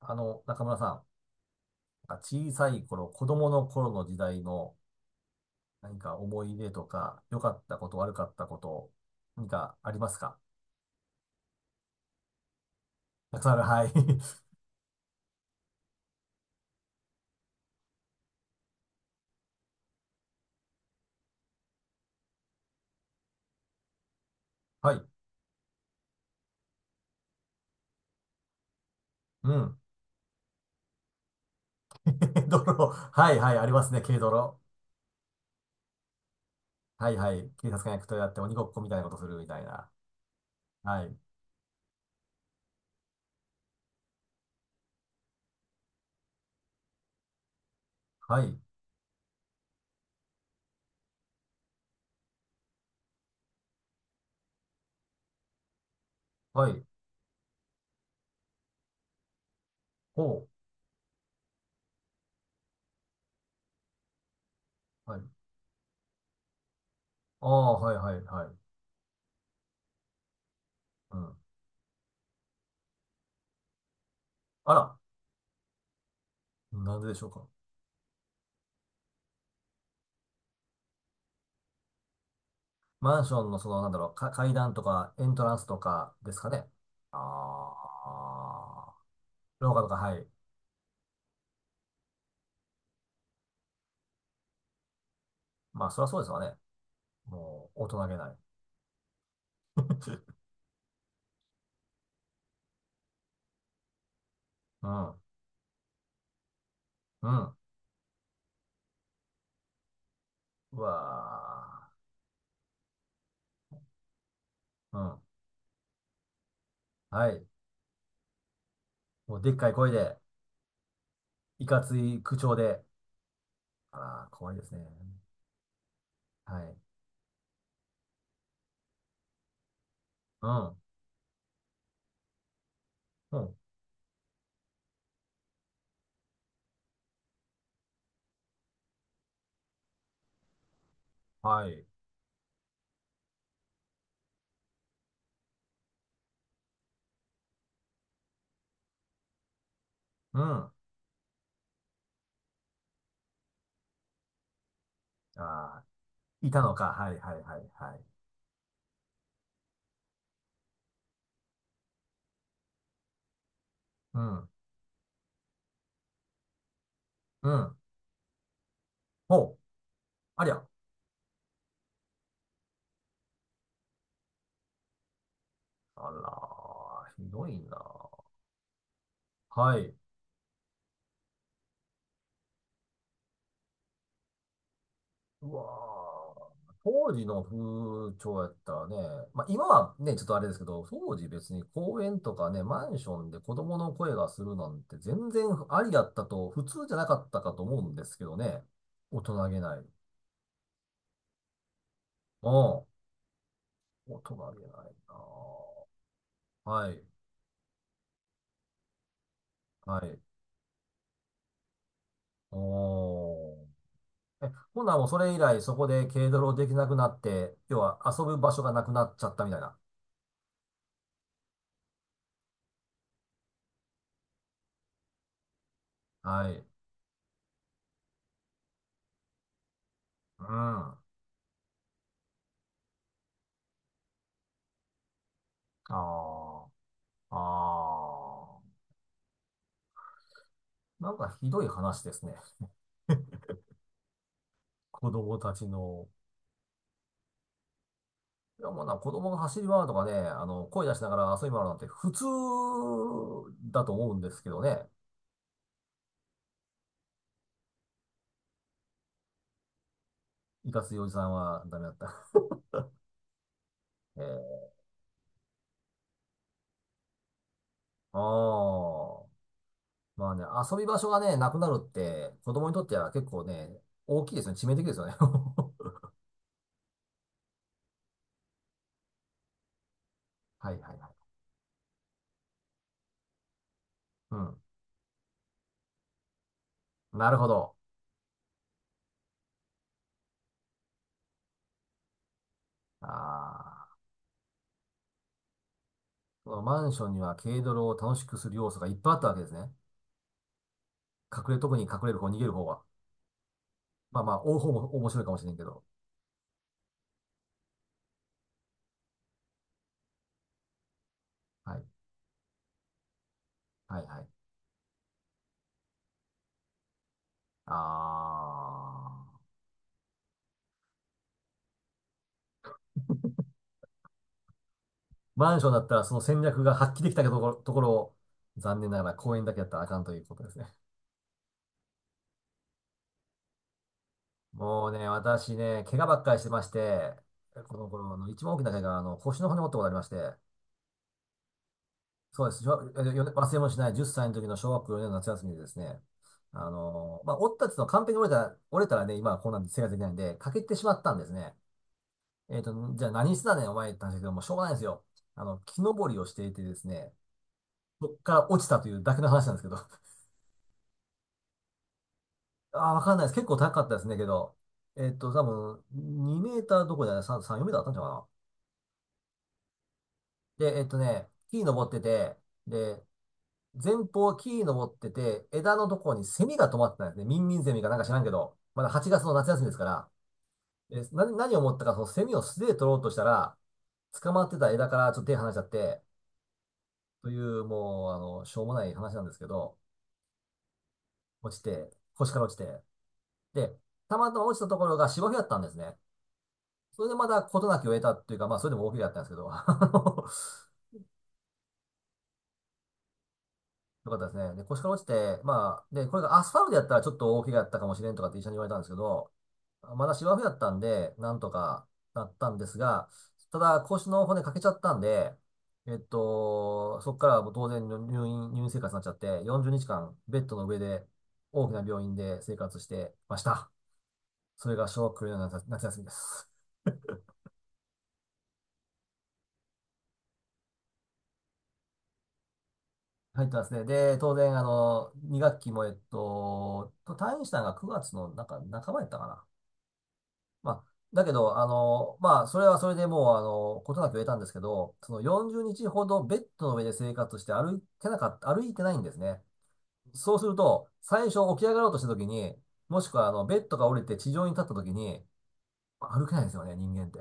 中村さん、なんか小さい頃、子供の頃の時代の何か思い出とか、良かったこと、悪かったこと、何かありますか？たくさんある。はい。はい。うん。泥。はいはい。ありますね。軽泥。はいはい。警察官役とやって鬼ごっこみたいなことするみたいな。はい。はい。はい。ほう。はい。ああ、はいはいはい。うん。あら。なんででしょうか？マンションのその、なんだろう、か階段とかエントランスとかですかね。ああ。廊下とか、はい。まあ、そりゃそうですわね。もう、大人げない。うん。うん。うわー。うん。はい。もう、でっかい声で、いかつい口調で。あら、怖いですね。はい。うん。うん。はい。うん。ああ、いたのか。はい、はい、はい、はい。うん。うん。ほう。ありゃ。あら、ひどいな。はい。うわー当時の風潮やったらね、まあ今はね、ちょっとあれですけど、当時別に公園とかね、マンションで子供の声がするなんて全然ありだったと、普通じゃなかったかと思うんですけどね。大人げない。うん。大人げないなあ。はい。はい。おー。え、ほんならもうそれ以来そこで軽泥できなくなって、要は遊ぶ場所がなくなっちゃったみたいな。はい。うん。ああ。ああ。なんかひどい話ですね。子供たちの。いや、もうな、子供が走り回るとかね、声出しながら遊び回るなんて普通だと思うんですけどね。いかついおじさんはダメだった。えー、ああ。まあね、遊び場所がね、なくなるって、子供にとっては結構ね、大きいですね。致命的ですよね。はいはいはい。うん。なるほど。ああ。このマンションには軽泥を楽しくする要素がいっぱいあったわけですね。隠れ、特に隠れる方、逃げる方は。まあまあ、追う方も面白いかもしれんけど。はい。はいはい。あー。マンションだったらその戦略が発揮できたところ、ところを、残念ながら公園だけやったらあかんということですね。もうね、私ね、怪我ばっかりしてまして、この頃の一番大きな怪我は、腰の骨折ったことがありまして、そうです。小学よね忘れもしない10歳の時の小学校4年の夏休みでですね、まあ、折ったっていうのは完璧に折れたら、折れたらね、今はこんなんで生活できないんで、欠けてしまったんですね。えっと、じゃあ何してたねん、お前って話だけど、もうしょうがないんですよ。木登りをしていてですね、そっから落ちたというだけの話なんですけど。あー、わかんないです。結構高かったですね、けど。えっと、多分、2メーターどころじゃない、3、4メーターあったんじゃなかな。で、えっとね、木に登ってて、で、前方木に登ってて、枝のところにセミが止まってたんですね。ミンミンセミかなんか知らんけど、まだ8月の夏休みですから。え、何を思ったか、そのセミを素手で取ろうとしたら、捕まってた枝からちょっと手離しちゃって、という、もう、しょうもない話なんですけど、落ちて、腰から落ちて。で、たまたま落ちたところが芝生だったんですね。それでまだ事なきを得たっていうか、まあ、それでも大怪我だったんですけど、よかったですね。で、腰から落ちて、まあ、で、これがアスファルトやったらちょっと大怪我だったかもしれんとかって医者に言われたんですけど、まだ芝生やったんで、なんとかなったんですが、ただ腰の骨欠けちゃったんで、えっと、そこからはもう当然入院、入院生活になっちゃって、40日間ベッドの上で大きな病院で生活してました。それが小学校年の夏休みです。入ってますね。で、当然、2学期も、えっと、退院したのが9月のなんか半ばやったかな。まあ、だけど、それはそれでもう、ことなく得たんですけど、その40日ほどベッドの上で生活して歩いてなかった、歩いてないんですね。そうすると、最初起き上がろうとした時に、もしくは、ベッドが降りて地上に立った時に、歩けないんですよね、人間って。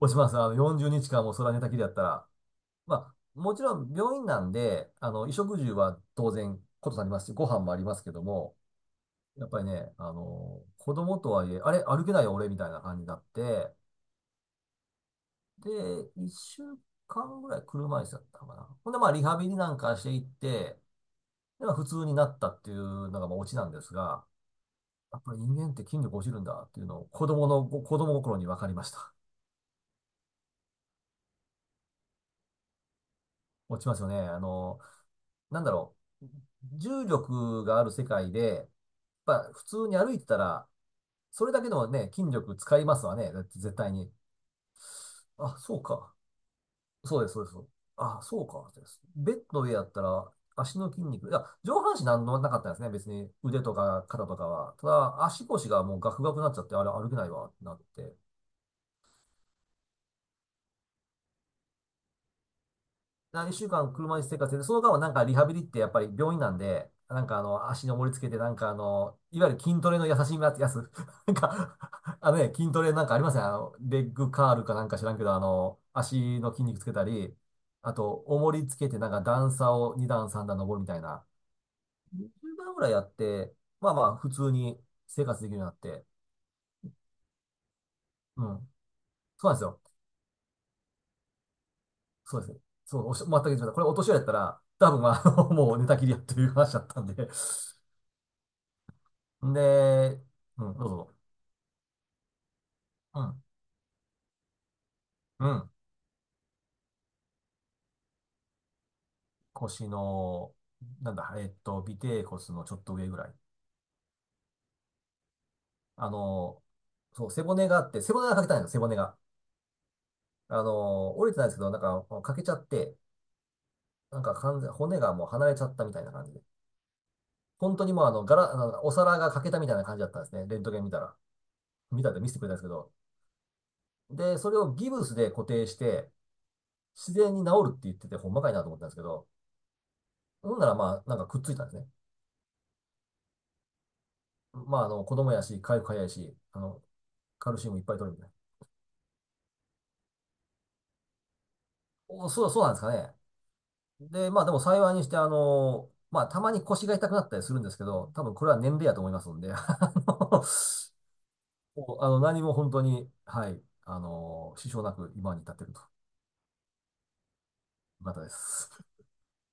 落ちます。40日間もう空寝たきりやったら。まあ、もちろん病院なんで、衣食住は当然ことなりますし、ご飯もありますけども、やっぱりね、子供とはいえ、あれ、歩けないよ、俺、みたいな感じになって、で、一週間ぐらい車椅子だったかな。ほんで、まあ、リハビリなんかしていって、で、まあ、普通になったっていうのが、まあ、オチなんですが、やっぱり人間って筋力落ちるんだっていうのを、子供の、子供心に分かりました。落ちますよね。なんだろう。重力がある世界で、やっぱ普通に歩いてたら、それだけのね、筋力使いますわね。だって絶対に。あ、そうか。そうです、そうです。あ、そうか。ベッドの上やったら、足の筋肉。いや、上半身なんのなかったんですね。別に腕とか肩とかは。ただ、足腰がもうガクガクになっちゃって、あれ歩けないわってなって。何週間車椅子生活で、その間はなんかリハビリってやっぱり病院なんで、なんか足に重りつけて、なんかいわゆる筋トレの優しいやつ なんか、あのね、筋トレなんかありません、レッグカールかなんか知らんけど、足の筋肉つけたり、あと、重りつけてなんか段差を2段3段登るみたいな、10番ぐらいやって、まあまあ、普通に生活できるようになって、うん。そうなんですよ。そうですね。そう、おっしゃ全く言ってました。これお年寄りやったら、多分まあ、もう寝たきりやっていう話だったんでで、うん、どうぞ。うん、うん。腰の、なんだ、えっと、尾てい骨のちょっと上ぐらい。あの、そう、背骨があって、背骨が欠けたんですよ、背骨が。折れてないんですけど、なんか、欠けちゃって、なんか完全、骨がもう離れちゃったみたいな感じで。本当にもうあの、ガラ、あのお皿が欠けたみたいな感じだったんですね。レントゲン見たら。見たって見せてくれたんですけど。で、それをギブスで固定して、自然に治るって言ってて、ほんまかいなと思ったんですけど、ほんならまあ、なんかくっついたんですね。まあ、子供やし、回復早いし、あの、カルシウムいっぱい取るみたいな。お、そう、そうなんですかね。で、まあ、でも幸いにして、たまに腰が痛くなったりするんですけど、多分これは年齢やと思いますんで、もうあの何も本当に、はい、支障なく今に至っているという方です。